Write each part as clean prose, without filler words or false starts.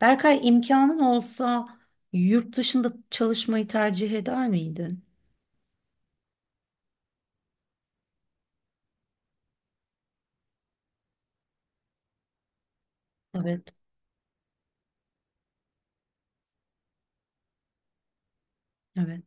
Berkay, imkanın olsa yurt dışında çalışmayı tercih eder miydin? Evet. Evet.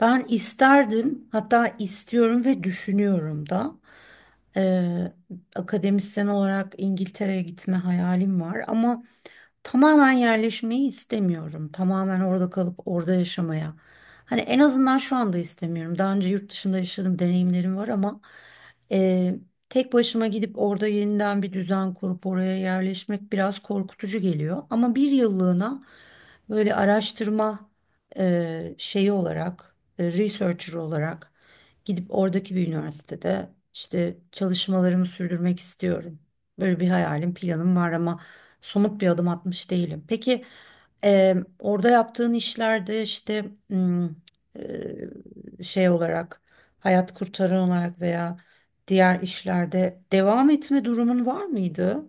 Ben isterdim, hatta istiyorum ve düşünüyorum da. Ee, Akademisyen olarak İngiltere'ye gitme hayalim var ama tamamen yerleşmeyi istemiyorum. Tamamen orada kalıp orada yaşamaya. Hani en azından şu anda istemiyorum. Daha önce yurt dışında yaşadığım deneyimlerim var ama e, tek başıma gidip orada yeniden bir düzen kurup oraya yerleşmek biraz korkutucu geliyor. Ama bir yıllığına böyle araştırma şeyi olarak, researcher olarak gidip oradaki bir üniversitede işte çalışmalarımı sürdürmek istiyorum. Böyle bir hayalim, planım var ama somut bir adım atmış değilim. Peki orada yaptığın işlerde işte hmm, şey olarak hayat kurtaran olarak veya diğer işlerde devam etme durumun var mıydı?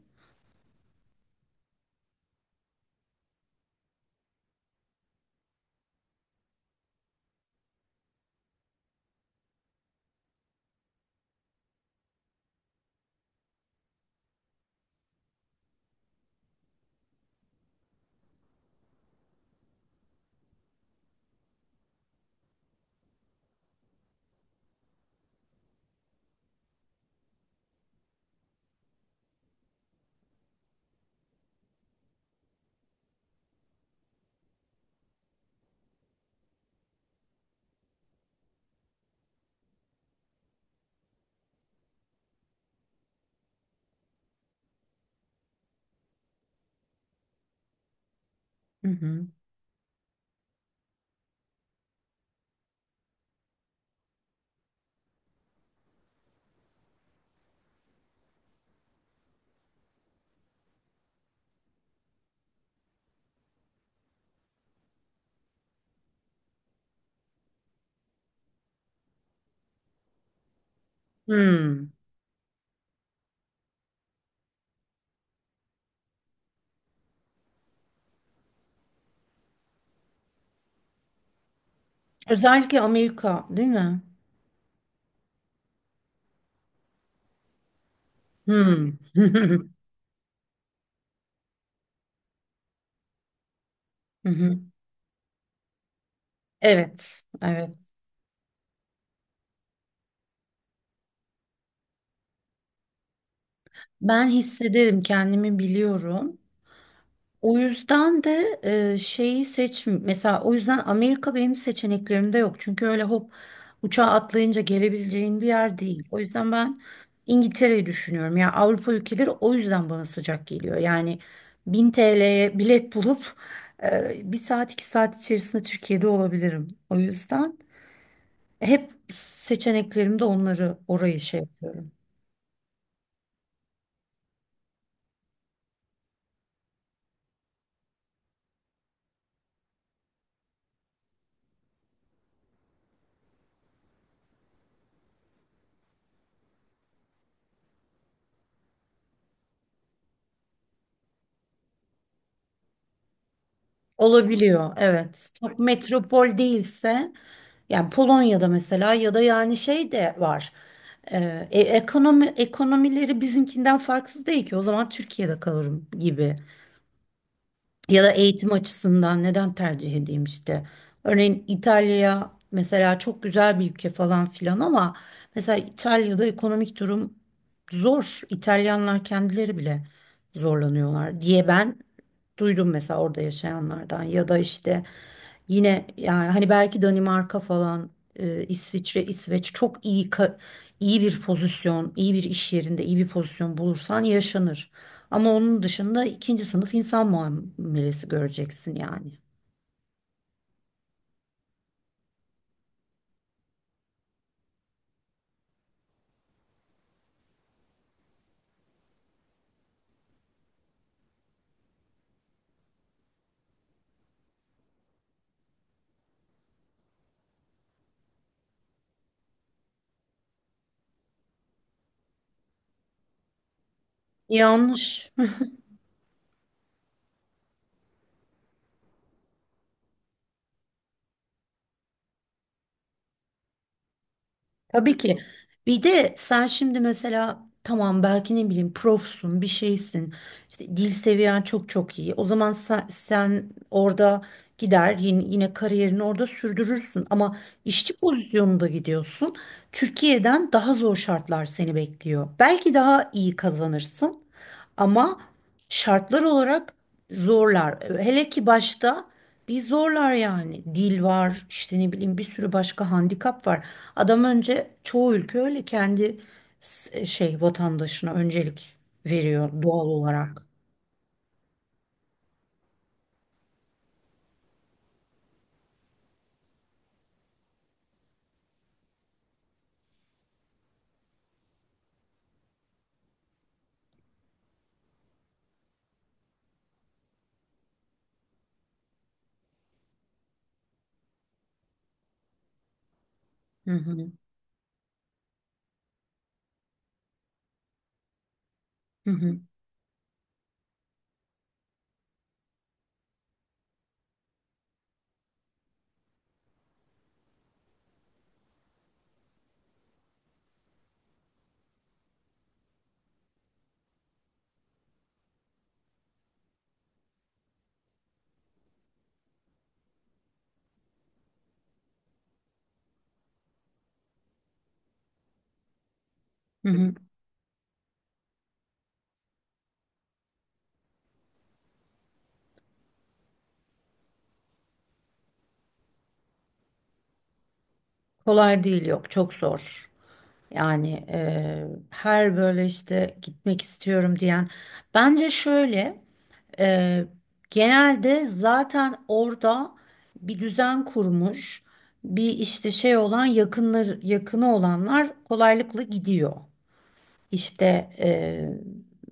Hı hı. Hmm. Özellikle Amerika, değil mi? Hmm. Hı hı. Evet, evet. Ben hissederim, kendimi biliyorum. O yüzden de şeyi seç mesela, o yüzden Amerika benim seçeneklerimde yok. Çünkü öyle hop uçağa atlayınca gelebileceğin bir yer değil. O yüzden ben İngiltere'yi düşünüyorum. Ya Avrupa ülkeleri o yüzden bana sıcak geliyor. Yani 1000 TL'ye bilet bulup bir saat iki saat içerisinde Türkiye'de olabilirim. O yüzden hep seçeneklerimde onları, orayı şey yapıyorum. Olabiliyor, evet. Çok metropol değilse, yani Polonya'da mesela, ya da yani şey de var. Ekonomileri bizimkinden farksız değil ki. O zaman Türkiye'de kalırım gibi. Ya da eğitim açısından neden tercih edeyim işte. Örneğin İtalya mesela çok güzel bir ülke falan filan ama mesela İtalya'da ekonomik durum zor. İtalyanlar kendileri bile zorlanıyorlar diye ben duydum mesela orada yaşayanlardan ya da işte yine yani hani belki Danimarka falan, İsviçre, İsveç çok iyi. İyi bir pozisyon, iyi bir iş yerinde iyi bir pozisyon bulursan yaşanır. Ama onun dışında ikinci sınıf insan muamelesi göreceksin yani. Yanlış. Hı. Tabii ki. Bir de sen şimdi mesela, tamam, belki ne bileyim profsun, bir şeysin. İşte dil seviyen çok iyi. O zaman sen orada gider, yine kariyerini orada sürdürürsün. Ama işçi pozisyonunda gidiyorsun. Türkiye'den daha zor şartlar seni bekliyor. Belki daha iyi kazanırsın ama şartlar olarak zorlar. Hele ki başta bir zorlar yani. Dil var, işte ne bileyim bir sürü başka handikap var. Adam, önce çoğu ülke öyle kendi şey vatandaşına öncelik veriyor doğal olarak. Hı hı, hı hı, hı hı. Kolay değil, yok, çok zor. Yani her böyle işte gitmek istiyorum diyen. Bence şöyle. Eee, Genelde zaten orada bir düzen kurmuş, bir işte şey olan yakınlar, yakını olanlar kolaylıkla gidiyor. İşte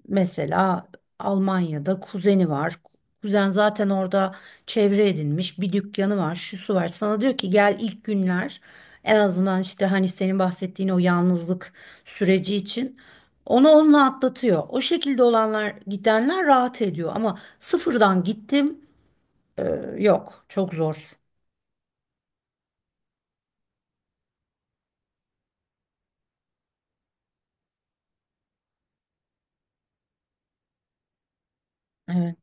mesela Almanya'da kuzeni var. Kuzen zaten orada çevre edinmiş, bir dükkanı var, şusu var. Sana diyor ki gel, ilk günler en azından işte hani senin bahsettiğin o yalnızlık süreci için onunla atlatıyor. O şekilde olanlar, gidenler rahat ediyor ama sıfırdan gittim yok, çok zor. Evet,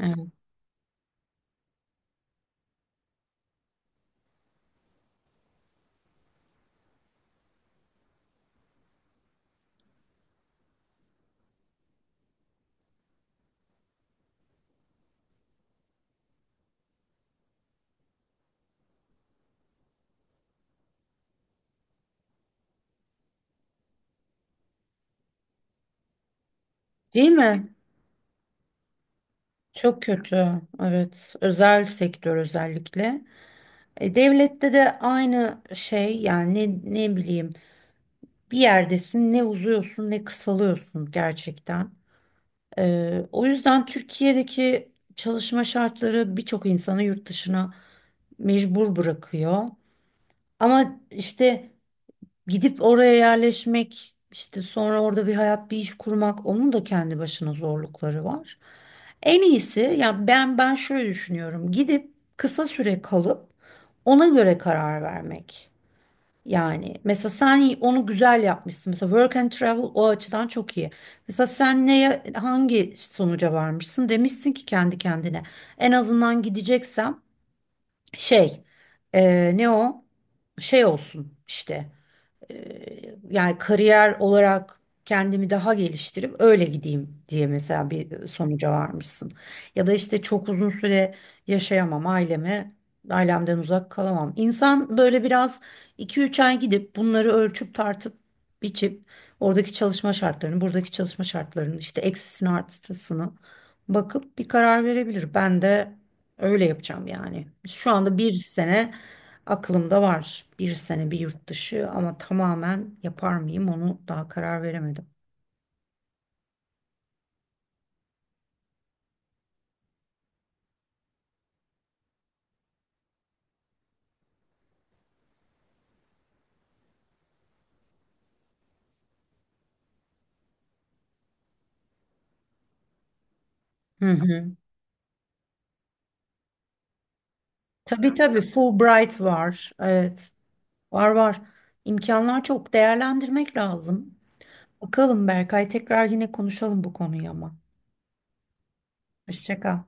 evet. Değil mi? Çok kötü. Evet. Özel sektör özellikle. Devlette de aynı şey yani, ne bileyim, bir yerdesin, ne uzuyorsun ne kısalıyorsun gerçekten. O yüzden Türkiye'deki çalışma şartları birçok insanı yurt dışına mecbur bırakıyor. Ama işte gidip oraya yerleşmek, işte sonra orada bir hayat, bir iş kurmak, onun da kendi başına zorlukları var. En iyisi, ya ben şöyle düşünüyorum, gidip kısa süre kalıp ona göre karar vermek. Yani mesela sen onu güzel yapmışsın. Mesela work and travel o açıdan çok iyi. Mesela sen neye, hangi sonuca varmışsın demişsin ki kendi kendine. En azından gideceksem şey, e, ne o şey olsun işte. Yani kariyer olarak kendimi daha geliştirip öyle gideyim diye mesela bir sonuca varmışsın. Ya da işte çok uzun süre yaşayamam aileme, ailemden uzak kalamam. İnsan böyle biraz 2 3 ay gidip bunları ölçüp tartıp biçip oradaki çalışma şartlarını, buradaki çalışma şartlarını, işte eksisini artısını bakıp bir karar verebilir. Ben de öyle yapacağım yani. Şu anda bir sene aklımda var, bir sene bir yurt dışı, ama tamamen yapar mıyım onu daha karar veremedim. Hı hı. Tabii tabii, Fulbright var. Evet, var var. İmkanlar çok, değerlendirmek lazım. Bakalım Berkay, tekrar yine konuşalım bu konuyu ama. Hoşça kal.